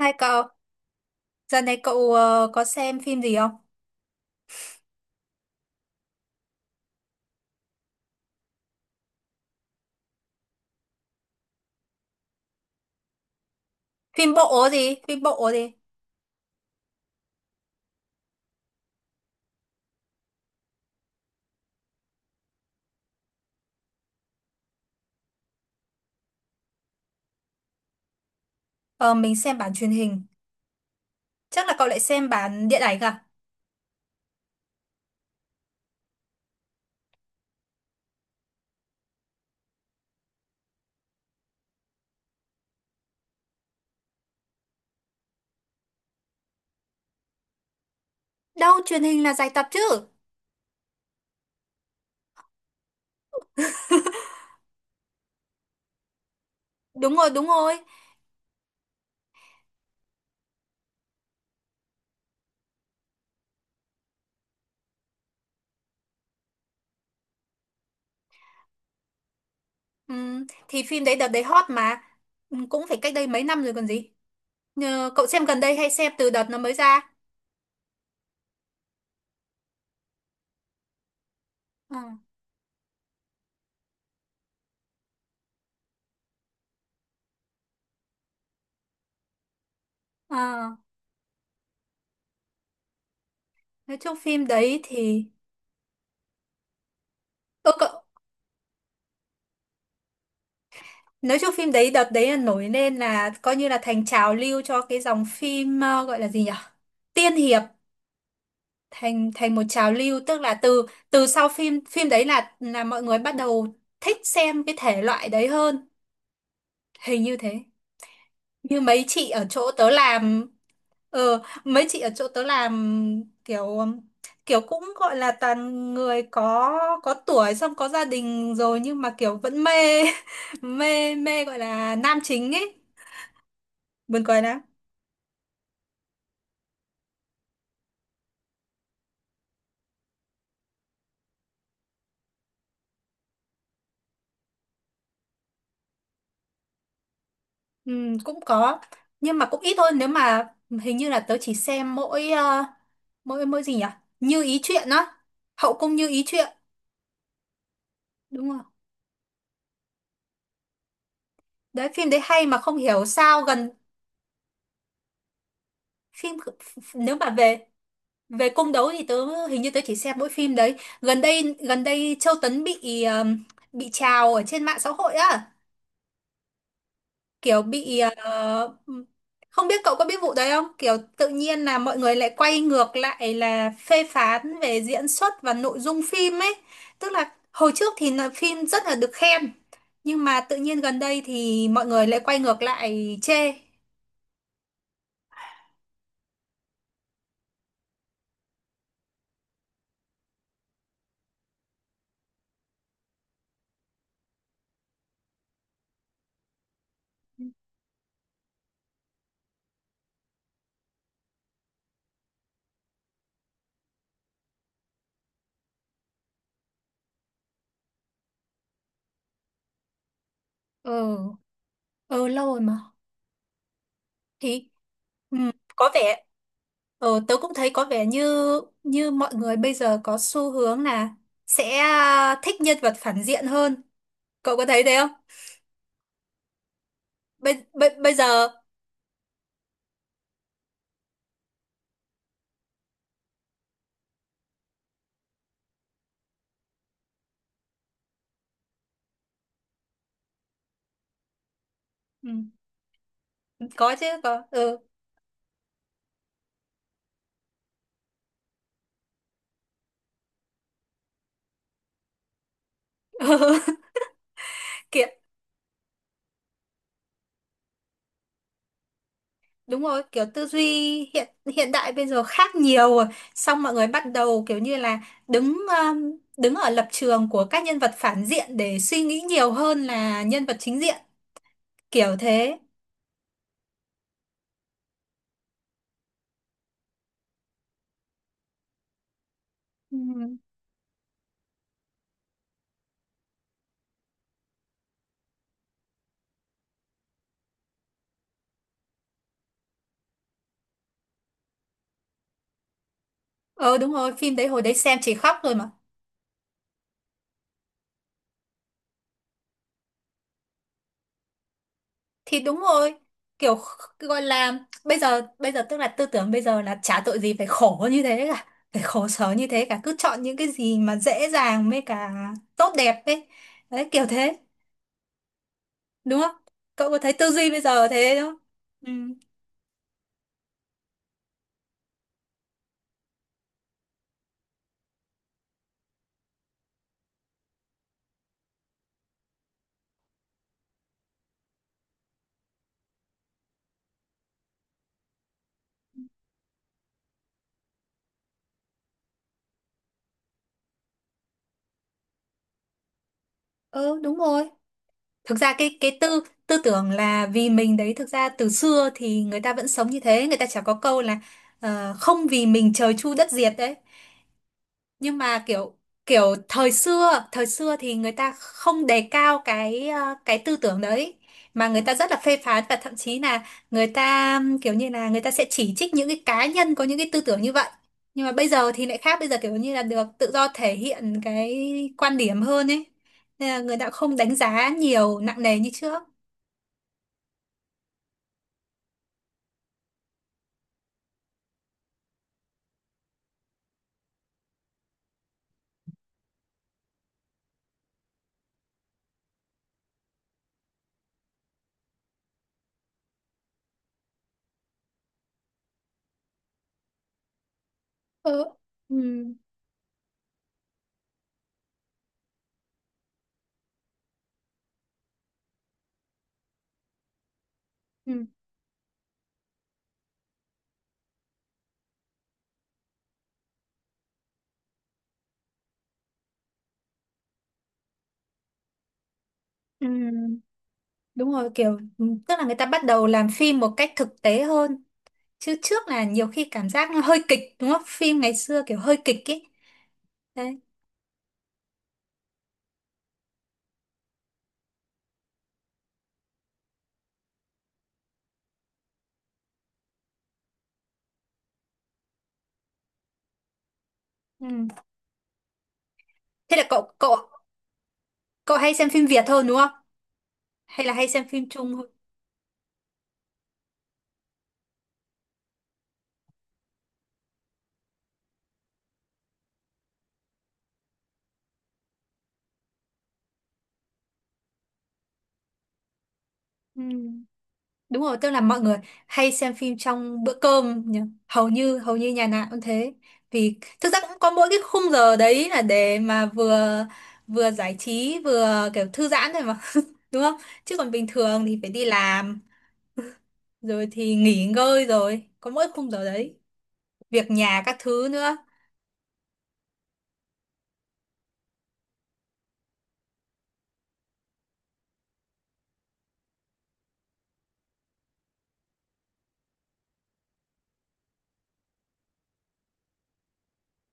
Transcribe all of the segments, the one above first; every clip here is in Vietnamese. Hai cậu, giờ này cậu có xem phim gì không? Phim bộ gì? Phim bộ gì? Ờ, mình xem bản truyền hình. Chắc là cậu lại xem bản điện ảnh à? Đâu, truyền hình là dài tập chứ. Đúng rồi, đúng rồi. Thì phim đấy đợt đấy hot mà. Cũng phải cách đây mấy năm rồi còn gì. Ờ, cậu xem gần đây hay xem từ đợt nó mới ra? Ờ, ờ, nói chung phim đấy thì... Ơ cậu, nói chung phim đấy đợt đấy là nổi lên là coi như là thành trào lưu cho cái dòng phim gọi là gì nhỉ? Tiên hiệp, thành thành một trào lưu, tức là từ từ sau phim phim đấy là mọi người bắt đầu thích xem cái thể loại đấy hơn, hình như thế. Như mấy chị ở chỗ tớ làm, ờ mấy chị ở chỗ tớ làm kiểu kiểu cũng gọi là toàn người có tuổi xong có gia đình rồi nhưng mà kiểu vẫn mê, mê mê gọi là nam chính ấy, buồn cười lắm. Ừ, cũng có nhưng mà cũng ít thôi, nếu mà hình như là tớ chỉ xem mỗi mỗi mỗi gì nhỉ, Như Ý Chuyện á, Hậu Cung Như Ý Chuyện, đúng không? Đấy phim đấy hay mà không hiểu sao gần, phim nếu mà về, về cung đấu thì tớ hình như tớ chỉ xem mỗi phim đấy. Gần đây, gần đây Châu Tấn bị bị trào ở trên mạng xã hội á, kiểu bị không biết cậu có biết vụ đấy không, kiểu tự nhiên là mọi người lại quay ngược lại là phê phán về diễn xuất và nội dung phim ấy. Tức là hồi trước thì là phim rất là được khen nhưng mà tự nhiên gần đây thì mọi người lại quay ngược lại chê. Ừ, ừ lâu rồi mà, thì ừ, có vẻ ừ, tớ cũng thấy có vẻ như, như mọi người bây giờ có xu hướng là sẽ thích nhân vật phản diện hơn. Cậu có thấy thế không? Bây bây bây giờ Ừ. Có chứ có, ừ. Kiểu đúng rồi kiểu tư duy hiện hiện đại bây giờ khác nhiều rồi, xong mọi người bắt đầu kiểu như là đứng đứng ở lập trường của các nhân vật phản diện để suy nghĩ nhiều hơn là nhân vật chính diện, kiểu thế. Ừ. Ờ đúng rồi, phim đấy hồi đấy xem chỉ khóc rồi mà. Thì đúng rồi, kiểu gọi là bây giờ tức là tư tưởng bây giờ là chả tội gì phải khổ như thế cả, phải khổ sở như thế cả, cứ chọn những cái gì mà dễ dàng với cả tốt đẹp ấy, đấy kiểu thế, đúng không? Cậu có thấy tư duy bây giờ thế đúng không? Ừ ừ đúng rồi. Thực ra cái tư tư tưởng là vì mình đấy, thực ra từ xưa thì người ta vẫn sống như thế, người ta chả có câu là không vì mình trời chu đất diệt đấy, nhưng mà kiểu kiểu thời xưa, thời xưa thì người ta không đề cao cái cái tư tưởng đấy, mà người ta rất là phê phán và thậm chí là người ta kiểu như là người ta sẽ chỉ trích những cái cá nhân có những cái tư tưởng như vậy. Nhưng mà bây giờ thì lại khác, bây giờ kiểu như là được tự do thể hiện cái quan điểm hơn ấy, nên là người ta không đánh giá nhiều nặng nề như trước. Ừ. Ừ. Ừ. Ừ, đúng rồi kiểu ừ, tức là người ta bắt đầu làm phim một cách thực tế hơn, chứ trước là nhiều khi cảm giác nó hơi kịch, đúng không, phim ngày xưa kiểu hơi kịch ấy, đấy. Ừ. Thế là cậu cậu cậu hay xem phim Việt hơn đúng không, hay là hay xem phim Trung hơn? Ừ. Đúng rồi tức là mọi người hay xem phim trong bữa cơm nhỉ? Hầu như hầu như nhà nào cũng thế, vì thực ra cũng có mỗi cái khung giờ đấy là để mà vừa vừa giải trí vừa kiểu thư giãn thôi mà. Đúng không? Chứ còn bình thường thì phải đi làm rồi thì nghỉ ngơi rồi có mỗi khung giờ đấy, việc nhà các thứ nữa.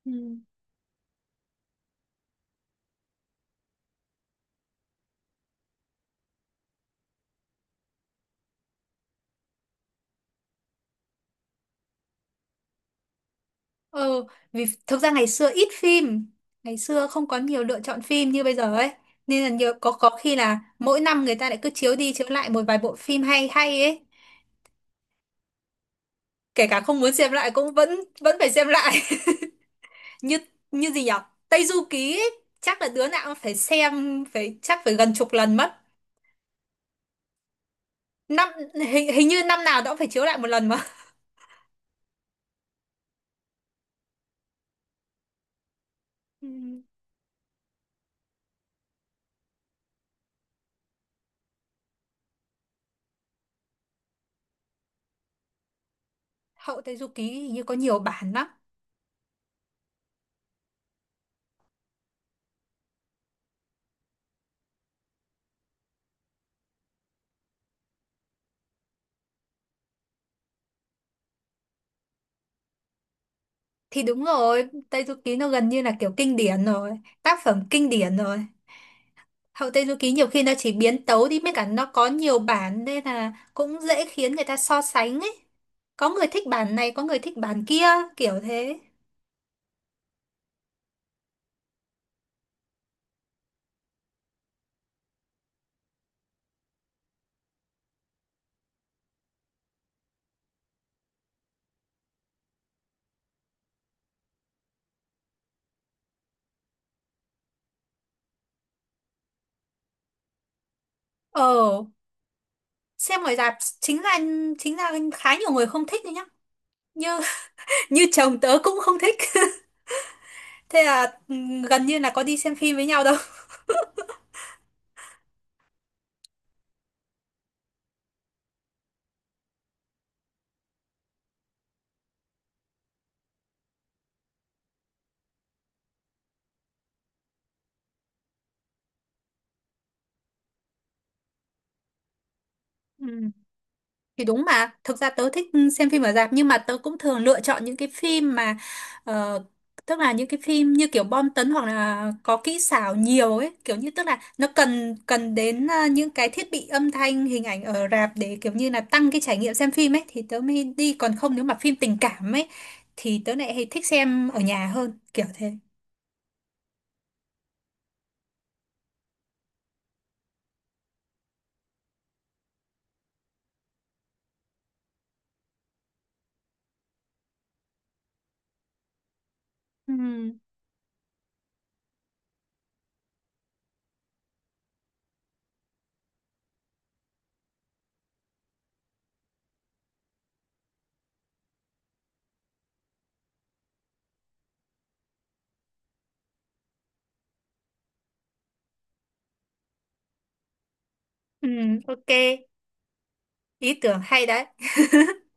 Ừ. Ừ, vì thực ra ngày xưa ít phim, ngày xưa không có nhiều lựa chọn phim như bây giờ ấy. Nên là nhiều có khi là mỗi năm người ta lại cứ chiếu đi chiếu lại một vài bộ phim hay hay ấy. Kể cả không muốn xem lại cũng vẫn vẫn phải xem lại. Như như gì nhỉ? Tây Du Ký ấy, chắc là đứa nào cũng phải xem phải chắc phải gần chục lần mất. Năm hình, hình như năm nào nó cũng phải chiếu lại một lần mà. Ừ, Hậu Tây Du Ký hình như có nhiều bản lắm. Thì đúng rồi, Tây Du Ký nó gần như là kiểu kinh điển rồi, tác phẩm kinh điển rồi. Hậu Tây Du Ký nhiều khi nó chỉ biến tấu đi mới cả nó có nhiều bản nên là cũng dễ khiến người ta so sánh ấy. Có người thích bản này, có người thích bản kia, kiểu thế. Ờ, xem ngoài rạp chính là chính là khá nhiều người không thích đấy nhá. Như như chồng tớ cũng không thích. Thế là ừ, gần như là có đi xem phim với nhau đâu. Ừ. Thì đúng mà, thực ra tớ thích xem phim ở rạp nhưng mà tớ cũng thường lựa chọn những cái phim mà ờ, tức là những cái phim như kiểu bom tấn hoặc là có kỹ xảo nhiều ấy, kiểu như tức là nó cần cần đến những cái thiết bị âm thanh, hình ảnh ở rạp để kiểu như là tăng cái trải nghiệm xem phim ấy thì tớ mới đi, còn không nếu mà phim tình cảm ấy thì tớ lại hay thích xem ở nhà hơn, kiểu thế. Ừ, ừ, ok, ý tưởng hay đấy.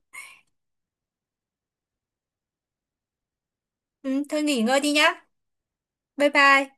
Ừ, thôi nghỉ ngơi đi nhá. Bye bye.